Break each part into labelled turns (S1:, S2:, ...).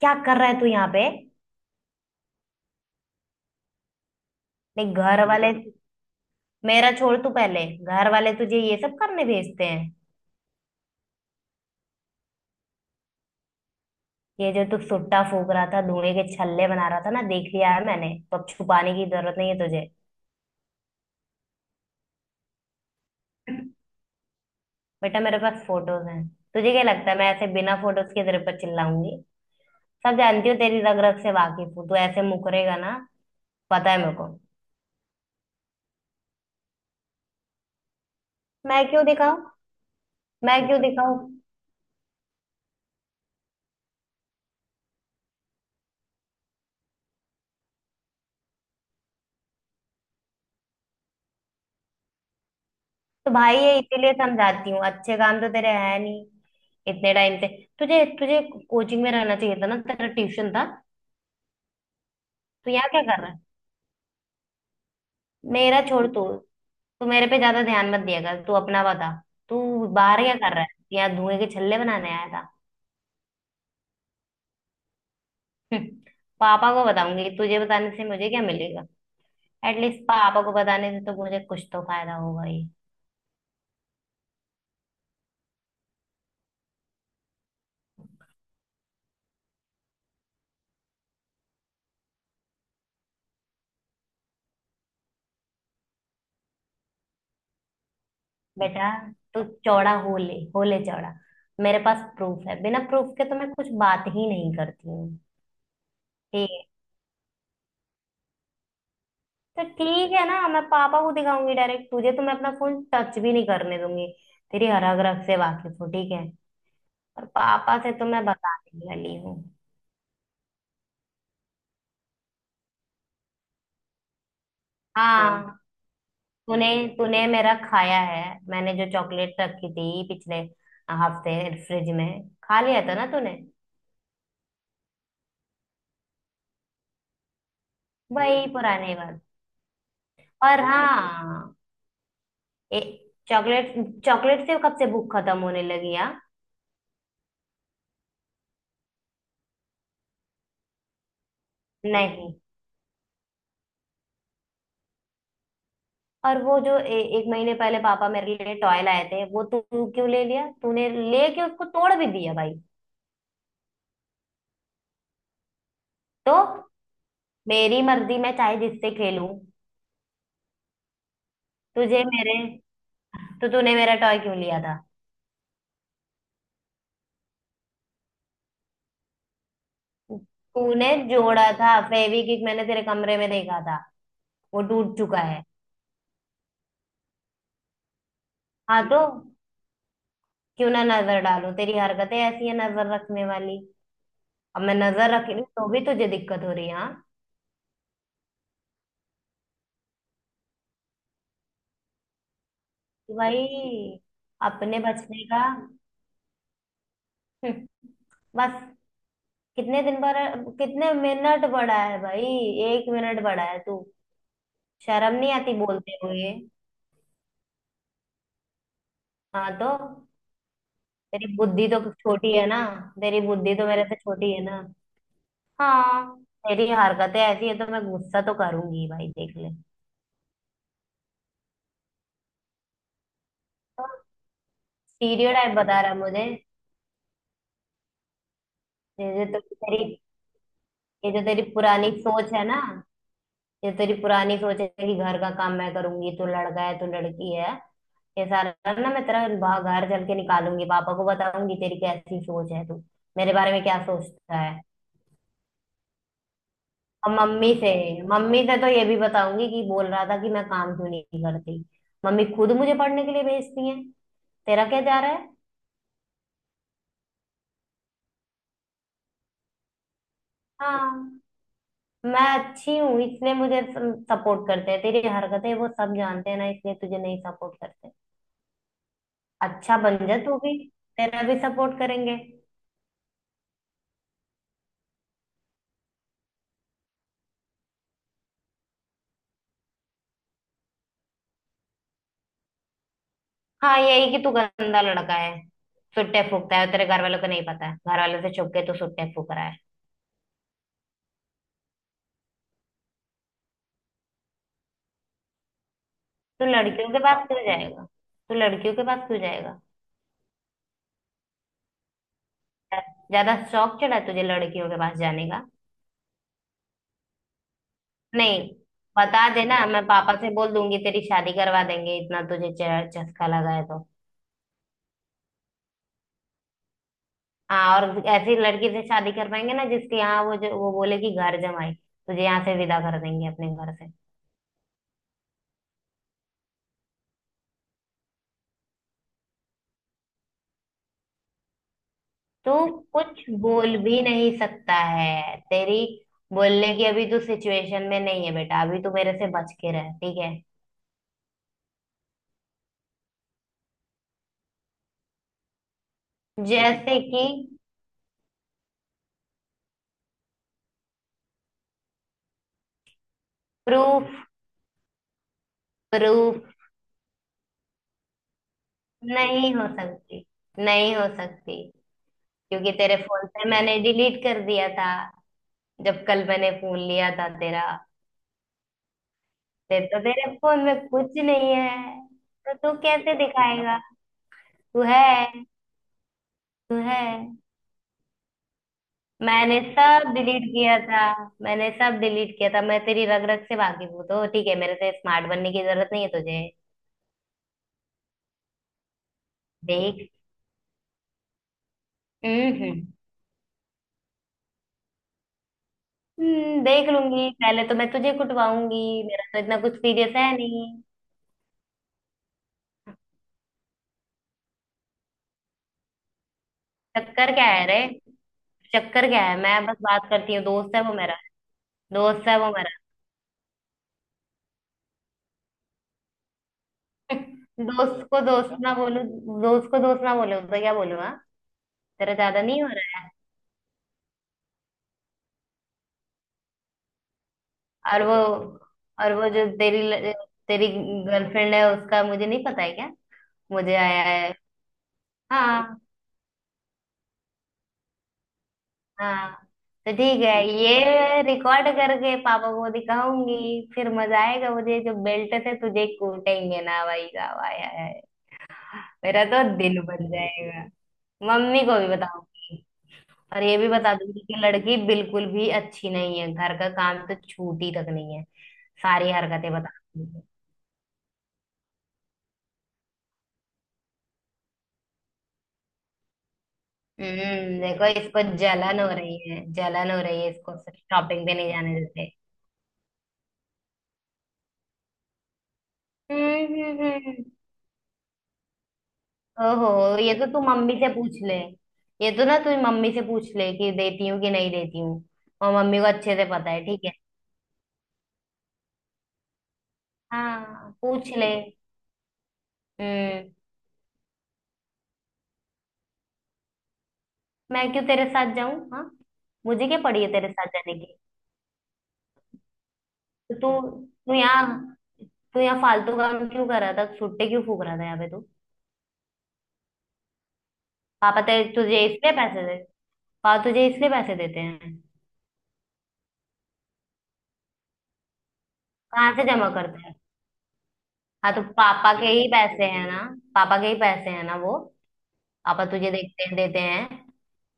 S1: क्या कर रहा है तू यहाँ पे। देख घर वाले। मेरा छोड़ तू, पहले घर वाले तुझे ये सब करने भेजते हैं? ये जो तू सुट्टा फूक रहा था, धुएं के छल्ले बना रहा था ना, देख लिया है मैंने। तो अब छुपाने की जरूरत नहीं है तुझे। बेटा, मेरे पास फोटोज हैं। तुझे क्या लगता है मैं ऐसे बिना फोटोज के तेरे पर चिल्लाऊंगी? सब जानती हो, तेरी रग रग से वाकिफ हूँ। तू ऐसे मुकरेगा ना, पता है मेरे को। मैं क्यों दिखाऊं? मैं क्यों दिखाऊं? तो भाई, ये इसीलिए समझाती हूँ, अच्छे काम तो तेरे है नहीं इतने टाइम से। तुझे तुझे कोचिंग में रहना चाहिए था ना, तेरा ट्यूशन था। तू यहाँ क्या कर रहा है? मेरा छोड़ तू। तू मेरे पे ज्यादा ध्यान मत दिया कर, तू अपना बता। तू बाहर क्या कर रहा है? यहाँ धुएं के छल्ले बनाने आया था? हम्म, पापा को बताऊंगी। तुझे बताने से मुझे क्या मिलेगा? एटलीस्ट पापा को बताने से तो मुझे कुछ तो फायदा होगा ही। बेटा, तू चौड़ा हो ले, हो ले चौड़ा। मेरे पास प्रूफ है, बिना प्रूफ के तो मैं कुछ बात ही नहीं करती हूँ। ठीक है? तो ठीक है ना, मैं पापा को दिखाऊंगी डायरेक्ट। तुझे तो मैं अपना फोन टच भी नहीं करने दूंगी। तेरी हरग रग से वाकिफ हूँ, ठीक है? पर पापा से तो मैं बताने वाली हूँ। हाँ हाँ, तूने तूने मेरा खाया है। मैंने जो चॉकलेट रखी थी पिछले हफ्ते फ्रिज में, खा लिया था ना तूने? वही पुराने बात। और हाँ। ए चॉकलेट। चॉकलेट से कब से भूख खत्म होने लगी यार? नहीं। और वो जो एक महीने पहले पापा मेरे लिए टॉय लाए थे, वो तू क्यों ले लिया? तूने लेके उसको तोड़ भी दिया भाई। तो मेरी मर्जी, मैं चाहे जिससे खेलूं। तुझे मेरे तो तूने मेरा टॉय क्यों लिया था? तूने जोड़ा था फेविक्विक, मैंने तेरे कमरे में देखा था। वो टूट चुका है। हाँ तो क्यों ना नजर डालूं? तेरी हरकतें ऐसी है नजर रखने वाली। अब मैं नजर रख रही हूं, तो भी तुझे दिक्कत हो रही है, हाँ? कि भाई, अपने बचने का हम्म, बस। कितने दिन पर कितने मिनट बढ़ा है भाई? एक मिनट बढ़ा है तू, शर्म नहीं आती बोलते हुए? हाँ तो, तेरी बुद्धि तो छोटी है ना। तेरी बुद्धि तो मेरे से छोटी है ना। हाँ, तेरी हरकतें ऐसी है तो मैं गुस्सा तो करूंगी भाई, देख ले। स्टीरियोटाइप बता रहा है मुझे। ये जो तो तेरी ये जो तेरी पुरानी सोच है ना, ये तेरी पुरानी सोच है कि घर का काम मैं करूंगी, तू लड़का है, तू लड़की है। ये सारा ना मैं तेरा बाहर, घर चल के निकालूंगी, पापा को बताऊंगी तेरी कैसी सोच है, तू मेरे बारे में क्या सोचता है। और मम्मी से तो ये भी बताऊंगी कि बोल रहा था कि मैं काम क्यों नहीं करती। मम्मी खुद मुझे पढ़ने के लिए भेजती है, तेरा क्या जा रहा है? हाँ, मैं अच्छी हूँ इसलिए मुझे सपोर्ट करते हैं। तेरी हरकतें वो सब जानते हैं ना, इसलिए तुझे नहीं सपोर्ट करते। अच्छा बन जा तू भी, तेरा भी सपोर्ट करेंगे। हाँ, यही कि तू गंदा लड़का है, सुट्टे फूकता है, तेरे घर वालों को नहीं पता है, घर वालों से छुप के तू सुट्टे फूक रहा है। तू लड़कियों के पास क्यों जाएगा? तू लड़कियों के पास क्यों जाएगा? ज्यादा शौक चढ़ा है तुझे लड़कियों के पास जाने का? नहीं। बता देना, मैं पापा से बोल दूंगी तेरी शादी करवा देंगे, इतना तुझे चस्का लगा है तो। हाँ और ऐसी लड़की से शादी करवाएंगे ना, जिसके यहाँ वो, जो वो बोले, कि घर जमाई तुझे यहाँ से विदा कर देंगे अपने घर से। तू कुछ बोल भी नहीं सकता है, तेरी बोलने की अभी तू सिचुएशन में नहीं है बेटा। अभी तू मेरे से बच के रह, ठीक है? जैसे कि? प्रूफ। प्रूफ नहीं हो सकती, नहीं हो सकती। क्योंकि तेरे फोन से मैंने डिलीट कर दिया था जब कल मैंने फोन लिया था तेरा। तेरे फोन में कुछ नहीं है। तो तू कैसे दिखाएगा? तू है, तू है। मैंने सब डिलीट किया था। मैंने सब डिलीट किया था। मैं तेरी रग रग से वाकिफ हूँ, तो ठीक है, मेरे से स्मार्ट बनने की जरूरत नहीं है तुझे। देख। हम्म देख लूंगी। पहले तो मैं तुझे कुटवाऊंगी। मेरा तो इतना कुछ सीरियस है नहीं। चक्कर क्या है रे? चक्कर क्या है? मैं बस बात करती हूँ, दोस्त है वो मेरा, दोस्त है वो मेरा। दोस्त को दोस्त ना बोलूं, दोस्त को दोस्त ना बोलूं तो क्या बोलूं, हाँ? तेरा ज्यादा नहीं हो रहा है? और वो और वो, तेरी गर्लफ्रेंड है, उसका मुझे नहीं पता है क्या? मुझे आया है। हाँ हाँ, तो ठीक है, ये रिकॉर्ड करके पापा को दिखाऊंगी। फिर मजा आएगा मुझे, जो बेल्ट से तुझे कूटेंगे ना भाई साहब, आया है। मेरा तो दिन बन जाएगा। मम्मी को भी बताऊंगी। और ये भी बता दूंगी कि लड़की बिल्कुल भी अच्छी नहीं है, घर का काम तो छूटी तक नहीं है। सारी हरकतें बता दूंगी। देखो इसको जलन हो रही है, जलन हो रही है, इसको शॉपिंग पे नहीं जाने देते। हम्म हम्म, हम्म। ओहो, ये तो तू मम्मी से पूछ ले। ये तो ना तू मम्मी से पूछ ले कि देती हूँ कि नहीं देती हूँ। और मम्मी को अच्छे से पता है, ठीक है। हाँ, पूछ ले। हम्म मैं क्यों तेरे साथ जाऊं, हाँ? मुझे क्या पड़ी है तेरे साथ जाने की। तो तू तू यहाँ तू यहाँ फालतू काम क्यों कर रहा था, छुट्टे क्यों फूक रहा था यहाँ पे तू? पापा तेरे तुझे इसलिए पैसे दे पापा तुझे इसलिए पैसे देते हैं? कहाँ से जमा करता है? हाँ तो पापा के ही पैसे हैं ना, पापा के ही पैसे हैं ना वो। पापा तुझे देखते हैं, देते हैं।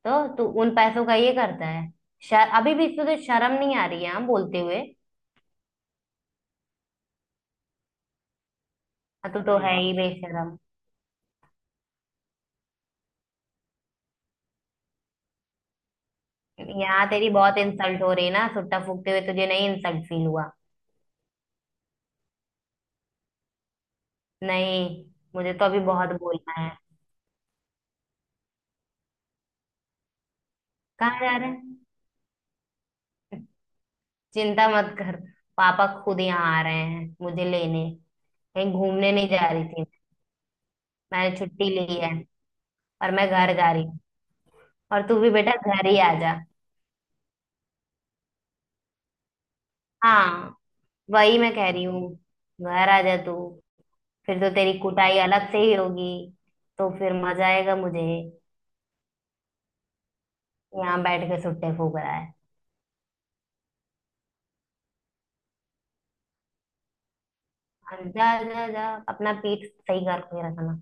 S1: तो तू उन पैसों का ये करता है? अभी भी इसमें तो शर्म नहीं आ रही है, हाँ, बोलते हुए? हाँ, तू तो है ही बेशरम। यहाँ तेरी बहुत इंसल्ट हो रही है ना सुट्टा फूकते हुए, तुझे नहीं इंसल्ट फील हुआ? नहीं, मुझे तो अभी बहुत बोलना है। कहाँ जा रहे हैं? चिंता मत कर, पापा खुद यहाँ आ रहे हैं मुझे लेने। कहीं घूमने नहीं जा रही थी। मैंने छुट्टी ली है और मैं घर जा रही हूँ। और तू भी बेटा घर ही आ जा। हाँ, वही मैं कह रही हूँ, घर आ जा तू। फिर तो तेरी कुटाई अलग से ही होगी, तो फिर मजा आएगा मुझे। यहाँ बैठ के सुट्टे फूक रहा है। जा जा जा, अपना पीठ सही करके रखना।